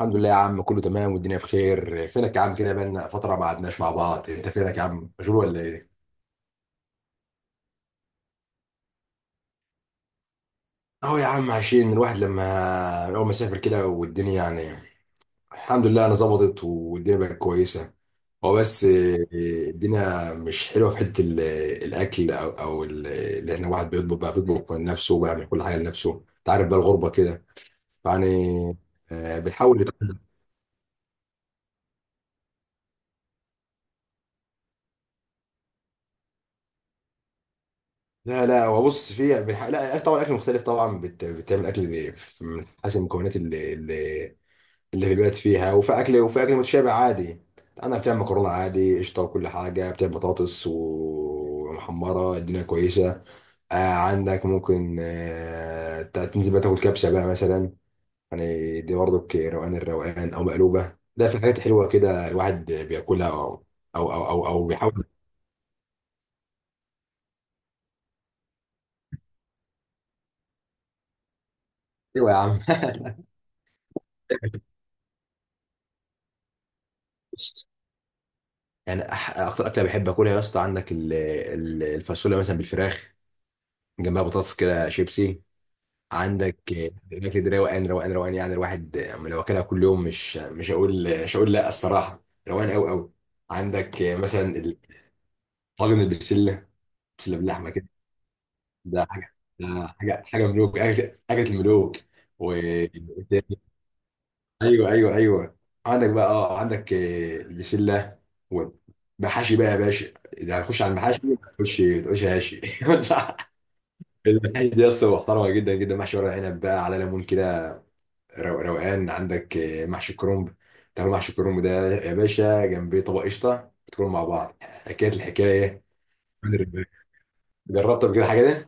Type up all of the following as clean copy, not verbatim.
الحمد لله يا عم، كله تمام والدنيا بخير. فينك يا عم كده؟ بقالنا فترة ما قعدناش مع بعض. انت فينك يا عم، مشغول ولا ايه؟ اهو يا عم عشان الواحد لما اول ما سافر كده والدنيا يعني الحمد لله انا ظبطت والدنيا بقت كويسة. هو بس الدنيا مش حلوة في حتة الاكل اللي احنا واحد بيطبخ بقى، بيطبخ لنفسه وبيعمل كل حاجة لنفسه. انت عارف بقى الغربة كده يعني. اه، بنحاول. لا هو بص في بنح- لا أكل- طبعا اكل مختلف طبعا بتعمل اكل من حسب المكونات اللي في البلد فيها، وفي اكل وفي اكل متشابه عادي. انا بتعمل مكرونه عادي، قشطه وكل حاجه، بتعمل بطاطس ومحمره، الدنيا كويسه. آه عندك ممكن آه تنزل بقى تاكل كبسه بقى مثلا، يعني دي برضك روقان الروقان، او مقلوبه. ده في حاجات حلوه كده الواحد بياكلها أو بيحاول. ايوه يا عم يعني اكتر اكله بحب اكلها يا اسطى، عندك الفاصوليا مثلا بالفراخ، جنبها بطاطس كده شيبسي. عندك آه، الاكل ده روقان روقان روقان. يعني الواحد آه، لو اكلها كل يوم مش هقول، مش هقول لا، الصراحه روقان قوي قوي. عندك آه، مثلا الطاجن البسله، بسله باللحمه كده. ده حاجه ده حاجه حاجه ملوك، اكله أكلة الملوك. و ايوه ايوه ايوه. عندك بقى اه، عندك آه، البسله والمحاشي بقى يا باشا. اذا هنخش على المحاشي ما تقولش ما تقولش هاشي صح. المحاشي دي يا اسطى محترمه جدا جدا، محشي ورق عنب بقى على ليمون كده، روقان. عندك آه، محشي كرنب، تاكل محشي كرنب ده يا باشا جنبيه طبق قشطه، تكونوا مع بعض، حكايه الحكايه. جربت قبل كده حاجه دي؟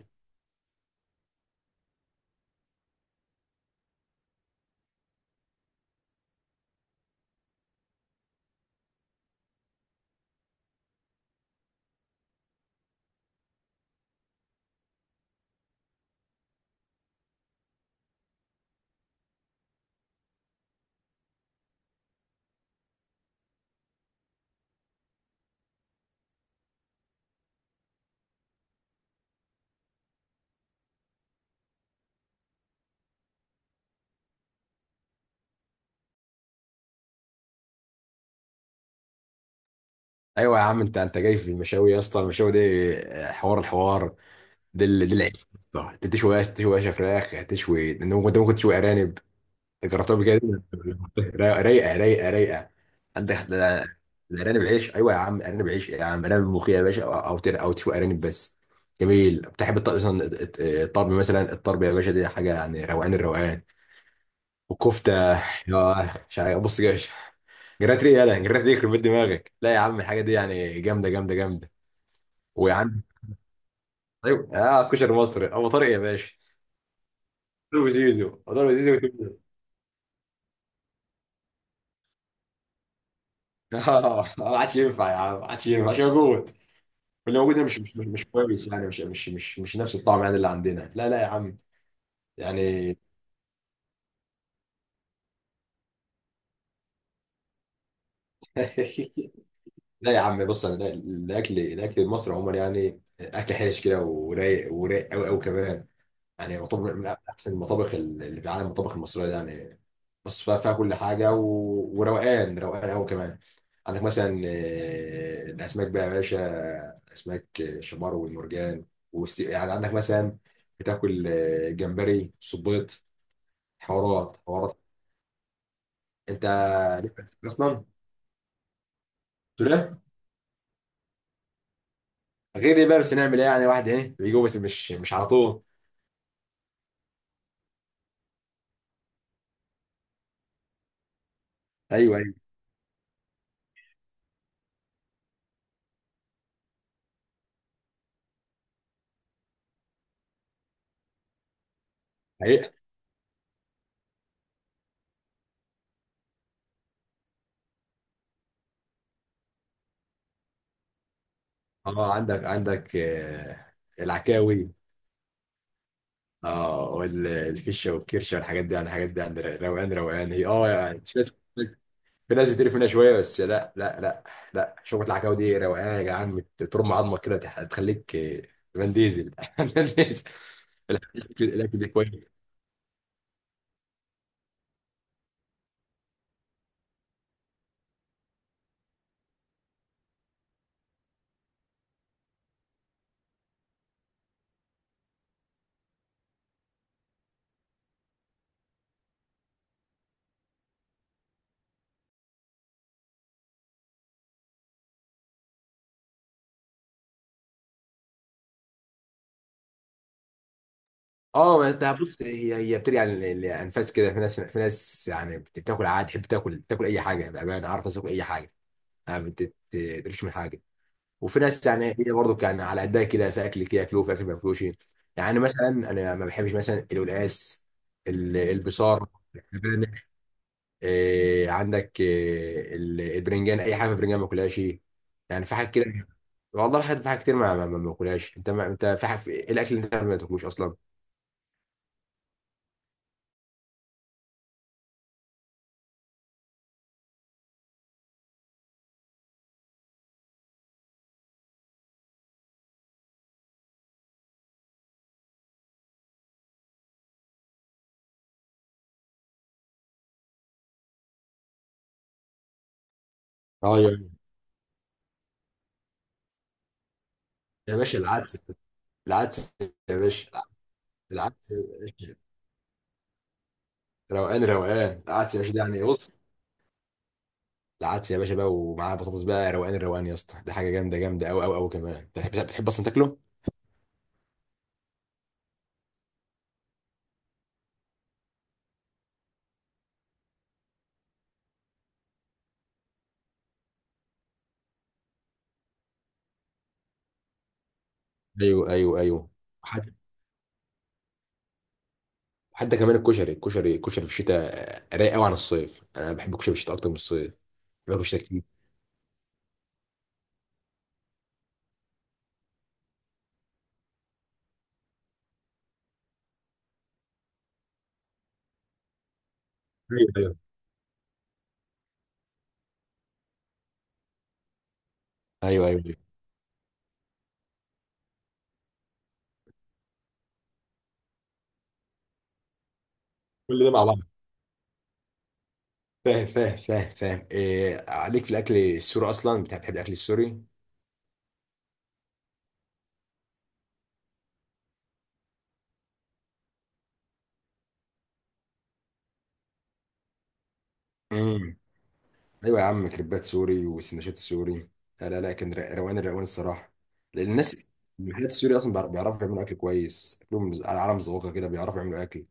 ايوه يا عم، انت جاي في المشاوي يا اسطى، المشاوي دي آه، حوار الحوار. ده ده العيش، صح. انت تشوي عيش، تشوي عيش فراخ، هتشوي، انت ممكن، أنت ممكن تشوي ارانب. جربتها قبل كده؟ رايقه رايقه رايقه. عندك الارانب العيش، ايوه يا عم، ارانب عيش يا عم، ارانب ملوخيه يا باشا، أو تشوي ارانب بس. جميل. بتحب الطرب مثلا؟ الطرب مثلا، الطرب يا باشا دي حاجه يعني روقان الروقان. والكفته يا مش عارف، بص يا باشا، جرات ريق، يلا جرات ريق، يخرب بيت دماغك. لا يا عم الحاجه دي يعني جامده جامده جامده. ويا عم، ايوه اه، كشري مصري ابو طارق يا باشا، ابو زيزو، ابو طارق، زيزو. اه ما عادش ينفع يا عم، ما عادش ينفع، ما عادش موجود. واللي موجود ده مش كويس يعني، مش نفس الطعم يعني اللي عندنا. لا لا يا عم. يعني لا يا عم، بص، انا الاكل، الاكل المصري عموما يعني اكل حرش كده ورايق، ورايق قوي قوي كمان. يعني مطابخ من احسن المطابخ اللي في العالم، المطابخ المصريه دي يعني. بص فيها كل حاجه و... وروقان، روقان قوي كمان. عندك مثلا آه، الاسماك بقى يا باشا، اسماك شمار والمرجان يعني عندك مثلا بتاكل آه، جمبري، صبيط، حوارات حوارات. انت ليك في الأسماك اصلا. قلت له غير ايه بقى؟ بس نعمل ايه يعني؟ واحد ايه بيجوا بس مش على طول. ايوه ايوه حقيقة. اه عندك، عندك آه، العكاوي، اه، والفشه والكرشه والحاجات دي. يعني الحاجات دي عند، روقان روقان هي. اه يعني في ناس، في ناس بتقرف منها شويه، بس لا، لا، شوربه العكاوي دي روقان يا جدعان. بترم عظمك كده، بتخليك آه، فان ديزل فان ديزل. الاكل، الأكل ده كويس. اه ما انت بص، هي بترجع للانفاس كده. في ناس، في ناس يعني بتاكل عادي، تحب تاكل، تاكل اي حاجه بامانه، عارف، تاكل اي حاجه، يعني ما بتقرفش من حاجه. وفي ناس يعني هي برضو كان على قدها كده، في اكل كده ياكلوه في اكل ما ياكلوش. يعني مثلا انا ما بحبش مثلا القلقاس، البصار، البانغ. إيه عندك إيه البرنجان، اي حاجه في البرنجان ما باكلهاش. يعني في حاجات كده. والله في حاجات، في حاجات كتير ما باكلهاش. انت ما انت في حاجه، في إيه الاكل اللي انت ما تاكلوش اصلا؟ اه يا، يا باشا العدس، العدس يا باشا، العدس يا باشا، روقان روقان العدس يا باشا ده يعني. بص، العدس يا باشا بقى ومعاه بطاطس بقى، روقان الروقان يا اسطى، ده حاجه جامده جامده قوي قوي قوي كمان. بتحب، بتحب اصلا تاكله؟ ايوه ايوه ايوه. حتى، حتى كمان الكشري، الكشري في الشتاء رايق قوي عن الصيف. انا بحب الكشري في الشتاء اكتر من الصيف، باكل الشتاء كتير. ايوه ايوه ايوه ايوه أيوة. كل ده مع بعض. فاهم فاهم فاهم فاهم. إيه عليك في الاكل السوري اصلا، بتحب، بتحب الاكل السوري؟ مم. ايوه يا عم، كريبات سوري وسندوتشات سوري. لا كان روقان الروقان الصراحه، لان الناس، المحلات السوري اصلا بيعرفوا يعملوا اكل كويس. اكلهم على، على مذوقه كده، بيعرفوا يعملوا اكل.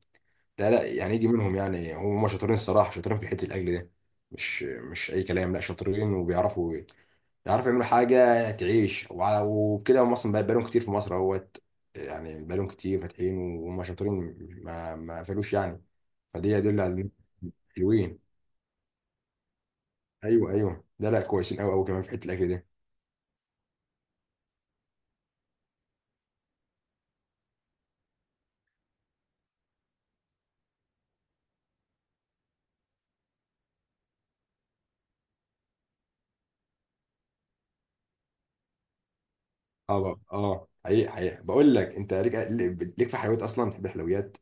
لا لا يعني يجي منهم. يعني هم شاطرين الصراحه، شاطرين في حته الاكل ده. مش اي كلام، لا شاطرين وبيعرفوا، يعرفوا يعملوا حاجه تعيش. وبكده هم اصلا بقالهم كتير في مصر اهوت، يعني بقالهم كتير فاتحين وهم شاطرين، ما قفلوش يعني. فدي يدل على إن، حلوين. ايوه ايوه، لا لا، كويسين قوي قوي كمان في حته الاكل دي. اه بقى. اه حقيقي حقيقي، بقول لك انت ليك، ليك في حلويات اصلا؟ بتحب الحلويات؟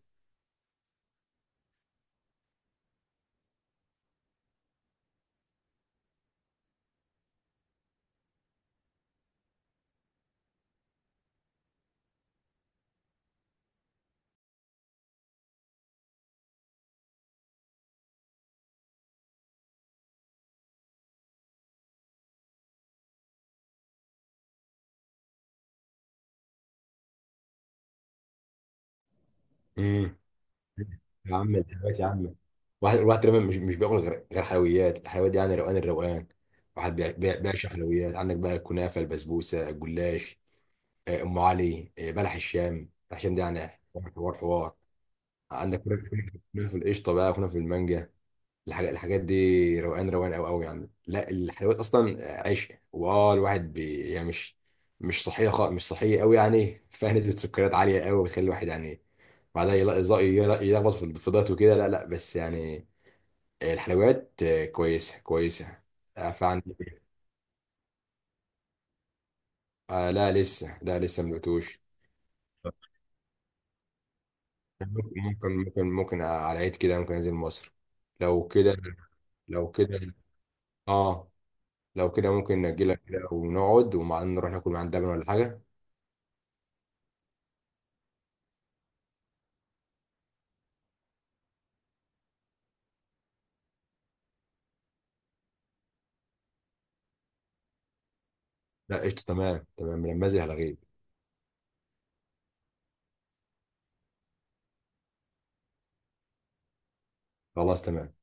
امم. يا عم الحلويات يا عم، واحد، الواحد تقريبا مش بياكل غير، غير حلويات، الحلويات دي يعني روقان الروقان. واحد بيعشق حلويات. عندك بقى الكنافه، البسبوسه، الجلاش، آه، ام علي، آه، بلح الشام. بلح الشام ده يعني حوار حوار حوار. عندك كنافه، كنافة القشطه بقى، كنافه المانجا، الحاجات، الحاجات دي روقان روقان قوي قوي يعني. لا الحلويات اصلا عيش. واه الواحد بي يعني، مش مش صحيه خالص، مش صحيه قوي يعني فيها نسبه سكريات عاليه قوي، وتخلي الواحد يعني بعدها يلخبط في، في دايت وكده. لا لا بس يعني الحلويات آه، كويسه كويسه. آه، فعندي آه، لا لسه، لا لسه ما دقتوش. ممكن ممكن ممكن، ممكن على العيد كده ممكن انزل مصر. لو كده، لو كده، اه لو كده ممكن نأجلها كده ونقعد ومع نروح ناكل من عند لبن ولا حاجة. لا قشطة تمام تمام لما زي هلغيه. خلاص تمام.